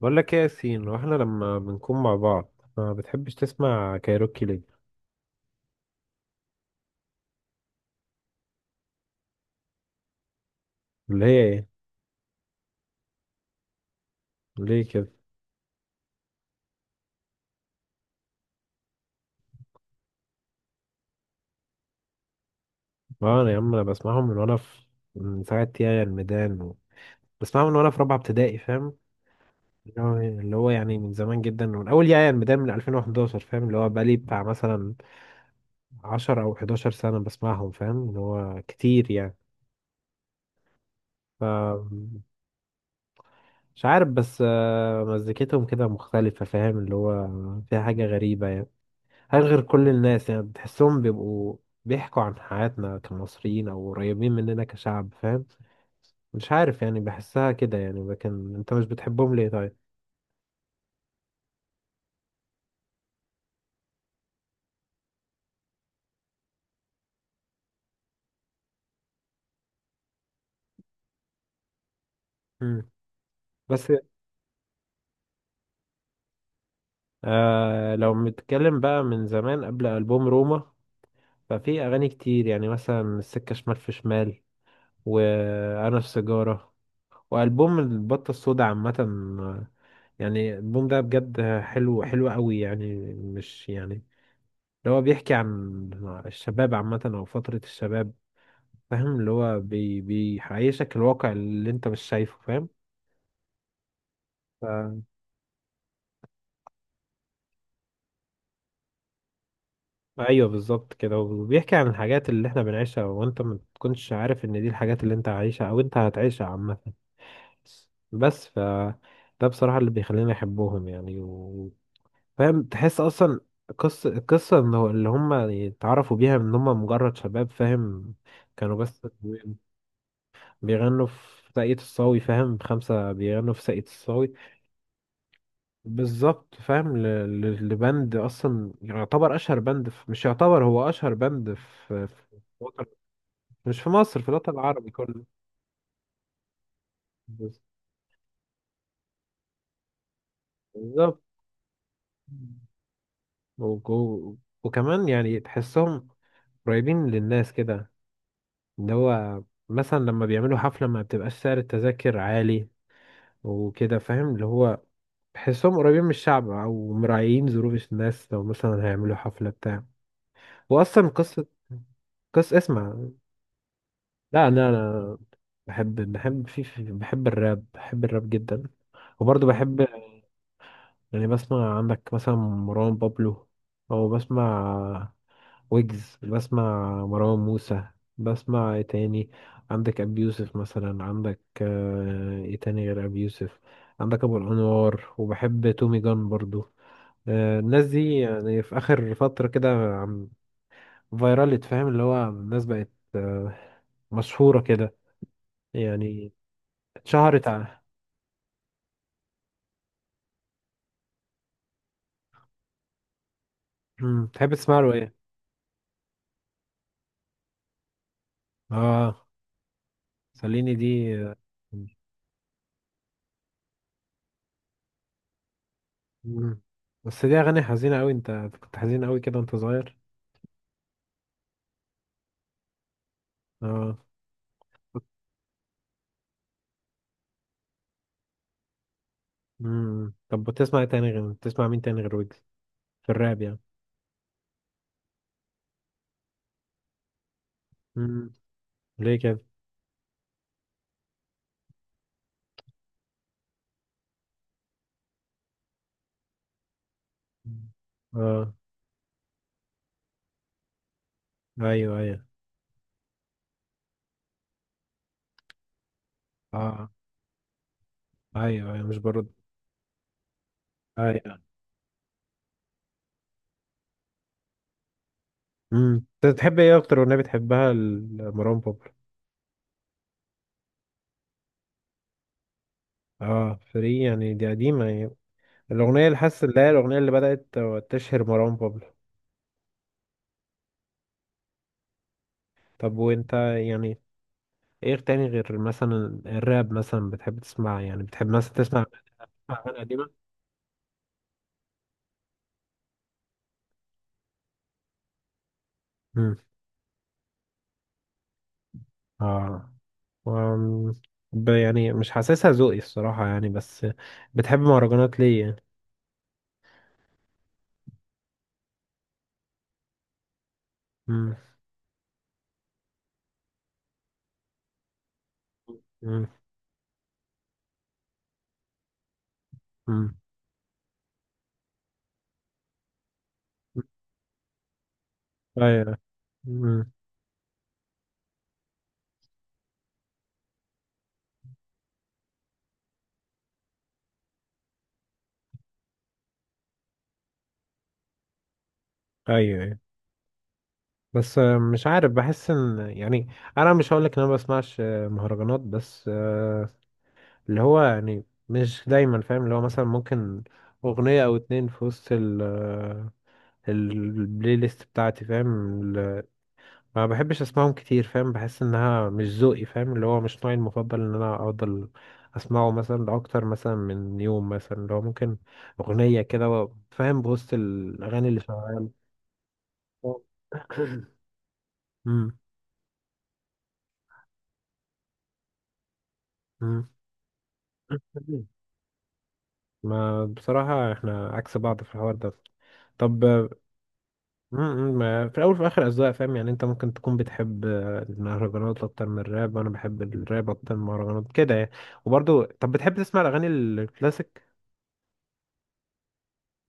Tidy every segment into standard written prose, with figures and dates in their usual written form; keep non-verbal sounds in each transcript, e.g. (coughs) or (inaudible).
بقول لك ايه يا ياسين؟ واحنا لما بنكون مع بعض ما بتحبش تسمع كايروكي ليه؟ اللي هي ايه؟ ليه كده؟ اه انا يا عم، انا بسمعهم من وانا في، من ساعه يا الميدان بسمعهم من وانا في رابعه ابتدائي، فاهم؟ اللي هو إيه؟ اللي هو يعني من زمان جدا، من اول يا الميدان، من 2011، فاهم؟ اللي هو بقالي بتاع مثلا 10 او 11 سنه بسمعهم، فاهم؟ اللي هو كتير يعني. ف مش عارف، بس آه، مزيكتهم كده مختلفه، فاهم؟ اللي هو فيها حاجه غريبه يعني. هل غير كل الناس يعني؟ بتحسهم بيبقوا بيحكوا عن حياتنا كمصريين او قريبين مننا كشعب، فاهم؟ مش عارف يعني، بحسها كده يعني. لكن انت مش بتحبهم ليه طيب؟ مم. بس آه لو بنتكلم بقى من زمان قبل ألبوم روما، ففي اغاني كتير يعني، مثلا السكة شمال في شمال، وانا في سيجارة، والبوم البطة السودا عامة. آه، يعني الالبوم ده بجد حلو، حلو قوي يعني، مش يعني، اللي هو بيحكي عن الشباب عامة أو فترة الشباب، فاهم؟ اللي هو بيعيشك الواقع اللي أنت مش شايفه، فاهم؟ ف... أيوه بالظبط كده، وبيحكي عن الحاجات اللي إحنا بنعيشها وأنت ما تكونش عارف إن دي الحاجات اللي أنت عايشها أو أنت هتعيشها عامة. بس ف ده بصراحة اللي بيخليني أحبهم يعني فاهم؟ تحس أصلا قصة القصة إنه اللي هم اتعرفوا بيها إن هم مجرد شباب، فاهم؟ كانوا بس بيغنوا في ساقية الصاوي، فاهم؟ خمسة بيغنوا في ساقية الصاوي. بالظبط، فاهم؟ لبند أصلا يعتبر أشهر بند في، مش يعتبر، هو أشهر بند في الوطن. مش في مصر، في الوطن العربي كله. بس- بالظبط. وك- و- وكمان يعني تحسهم قريبين للناس كده، اللي هو مثلا لما بيعملوا حفلة ما بتبقاش سعر التذاكر عالي وكده، فاهم؟ اللي هو تحسهم قريبين من الشعب أو مراعيين ظروف الناس، لو مثلا هيعملوا حفلة بتاع. واصلا قصه، قصه اسمع. لا، انا بحب، بحب الراب، بحب الراب جدا، وبرضه بحب. يعني بسمع عندك مثلا مروان بابلو، او بسمع ويجز، بسمع مروان موسى. بسمع ايه تاني؟ عندك ابي يوسف مثلا، عندك آه، ايه تاني غير ابي يوسف؟ عندك ابو الانوار، وبحب تومي جان برضو. آه، الناس دي يعني في اخر فترة كده، عم- فيرالت، فاهم؟ اللي هو الناس بقت آه، مشهورة كده يعني، اتشهرت ع... مم. تحب تسمع له ايه؟ اه، خليني دي. مم. بس دي اغاني حزينة قوي، انت كنت حزين قوي كده وانت صغير؟ اه. مم. طب بتسمع إيه تاني؟ غير بتسمع مين تاني غير ويجز في الراب يعني؟ مم. ليه كده؟ مم. اه، ايوه ايوه، اه ايوه ايوه، مش برد. ايوه. امم. انت بتحب ايه؟ اكتر اغنيه بتحبها لمروان بابلو؟ اه فري يعني، دي قديمه يعني. الأغنية اللي حاسس اللي هي الأغنية اللي بدأت تشهر مروان بابلو. طب وأنت يعني إيه تاني غير مثلا الراب؟ مثلا بتحب تسمع يعني، بتحب مثلا تسمع أغاني قديمة؟ مم. آه. وم- يعني مش حاسسها ذوقي الصراحة يعني، بس بتحب مهرجانات ليه يعني؟ مم. مم. مم. أيوه. مم. أيوه أيوه. بس آه، مش عارف بحس إن يعني، أنا مش هقولك إن أنا ما بسمعش آه، مهرجانات، بس آه، اللي هو يعني مش دايما، فاهم؟ اللي هو مثلا ممكن أغنية أو اتنين في وسط البلاي ليست بتاعتي، فاهم؟ ما بحبش أسمعهم كتير، فاهم؟ بحس إنها مش ذوقي، فاهم؟ اللي هو مش نوعي المفضل إن أنا أفضل أسمعه مثلا لأكتر مثلا من يوم، مثلا اللي هو ممكن أغنية كده فاهم؟ بوسط الأغاني اللي شغالة. (clears throat) (coughs) أمم، أمم. ما بصراحة احنا عكس بعض في الحوار ده. طب امم، في الاول وفي الاخر اذواق، فاهم؟ يعني انت ممكن تكون بتحب آه، المهرجانات اكتر من الراب، وانا بحب الراب اكتر من المهرجانات كده يعني. وبرضه طب بتحب تسمع الاغاني الكلاسيك؟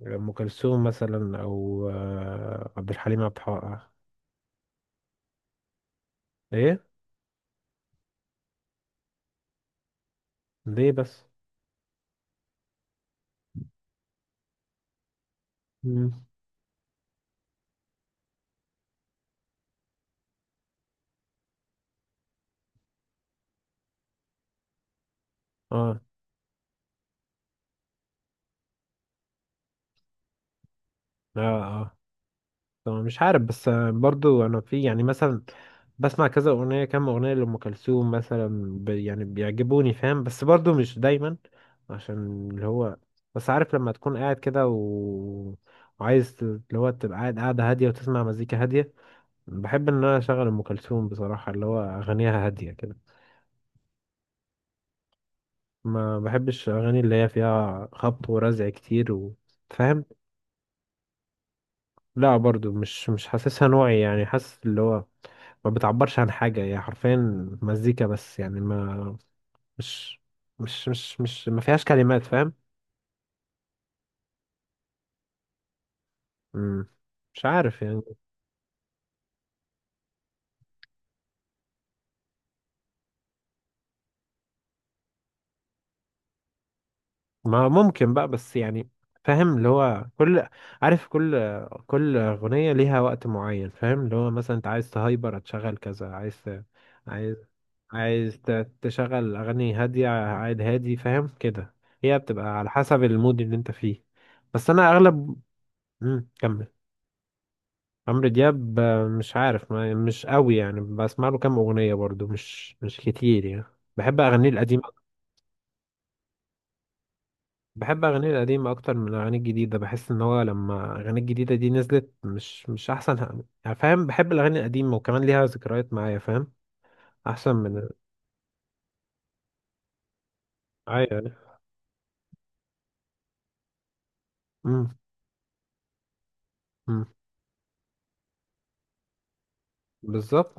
ام كلثوم مثلا، او آه، عبد الحليم، عبد الحق. ايه؟ ليه بس؟ امم. اه. اه. اه طبعا. مش عارف بس آه، برضو انا في يعني مثلا بسمع كذا اغنيه، كام اغنيه لام كلثوم مثلا، ب يعني بيعجبوني، فاهم؟ بس برضو مش دايما، عشان اللي هو، بس عارف لما تكون قاعد كده وعايز اللي هو تبقى قاعد، قاعده هاديه وتسمع مزيكا هاديه، بحب ان انا اشغل ام كلثوم بصراحه، اللي هو اغانيها هاديه كده. ما بحبش اغاني اللي هي فيها خبط ورزع كتير فاهم؟ لا برضو، مش حاسسها نوعي يعني، حاسس اللي هو ما بتعبرش عن حاجة، هي حرفيا مزيكا بس يعني، ما مش مش مش مش ما فيهاش كلمات، فاهم؟ مم. مش عارف يعني. ما ممكن بقى بس يعني، فاهم؟ اللي هو كل، عارف، كل أغنية ليها وقت معين، فاهم؟ اللي هو مثلا انت عايز تهايبر هتشغل كذا، عايز عايز تشغل أغاني هادية، عايد هادي، فاهم كده؟ هي بتبقى على حسب المود اللي انت فيه. بس انا اغلب. مم. كمل. عمرو دياب آه، مش عارف، مش قوي يعني، بسمع له كام اغنيه برضو، مش مش كتير يعني. بحب اغانيه القديمه. بحب اغانيه القديمه اكتر من اغانيه الجديده. بحس ان هو لما اغانيه الجديده دي نزلت مش مش احسن، يعني فاهم؟ بحب الاغاني القديمه، وكمان ليها ذكريات معايا، فاهم؟ احسن من. ايوه. امم. أمم. بالظبط.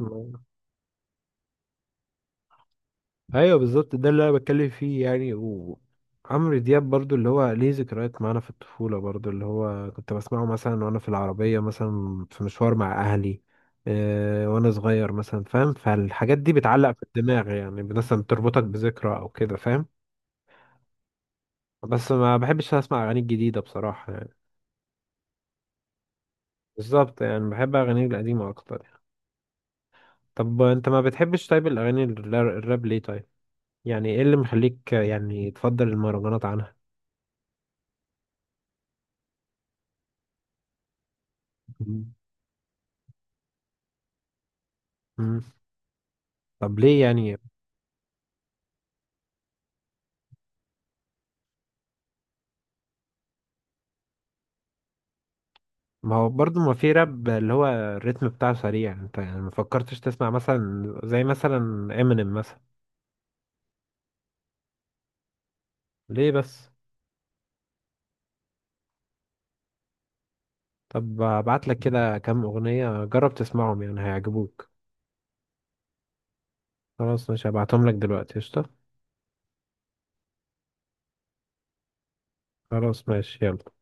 ايوه بالظبط، ده اللي انا بتكلم فيه يعني. وعمرو دياب برضو اللي هو ليه ذكريات معانا في الطفوله برضو، اللي هو كنت بسمعه مثلا وانا في العربيه مثلا، في مشوار مع اهلي آه، وانا صغير مثلا، فاهم؟ فالحاجات دي بتعلق في الدماغ يعني، مثلا بتربطك بذكرى او كده، فاهم؟ بس ما بحبش اسمع اغاني جديده بصراحه يعني. بالظبط يعني، بحب اغاني القديمه اكتر يعني. طب انت ما بتحبش طيب الاغاني الراب ليه طيب؟ يعني ايه اللي مخليك يعني تفضل المهرجانات عنها؟ مم. طب ليه يعني؟ ما هو برضه ما في راب اللي هو الريتم بتاعه سريع، انت يعني ما فكرتش تسمع مثلا زي مثلا امينيم مثلا؟ ليه بس؟ طب ابعت لك كده كام اغنية، جرب تسمعهم يعني هيعجبوك. خلاص ماشي، هبعتهم لك دلوقتي، قشطة. خلاص ماشي، يلا.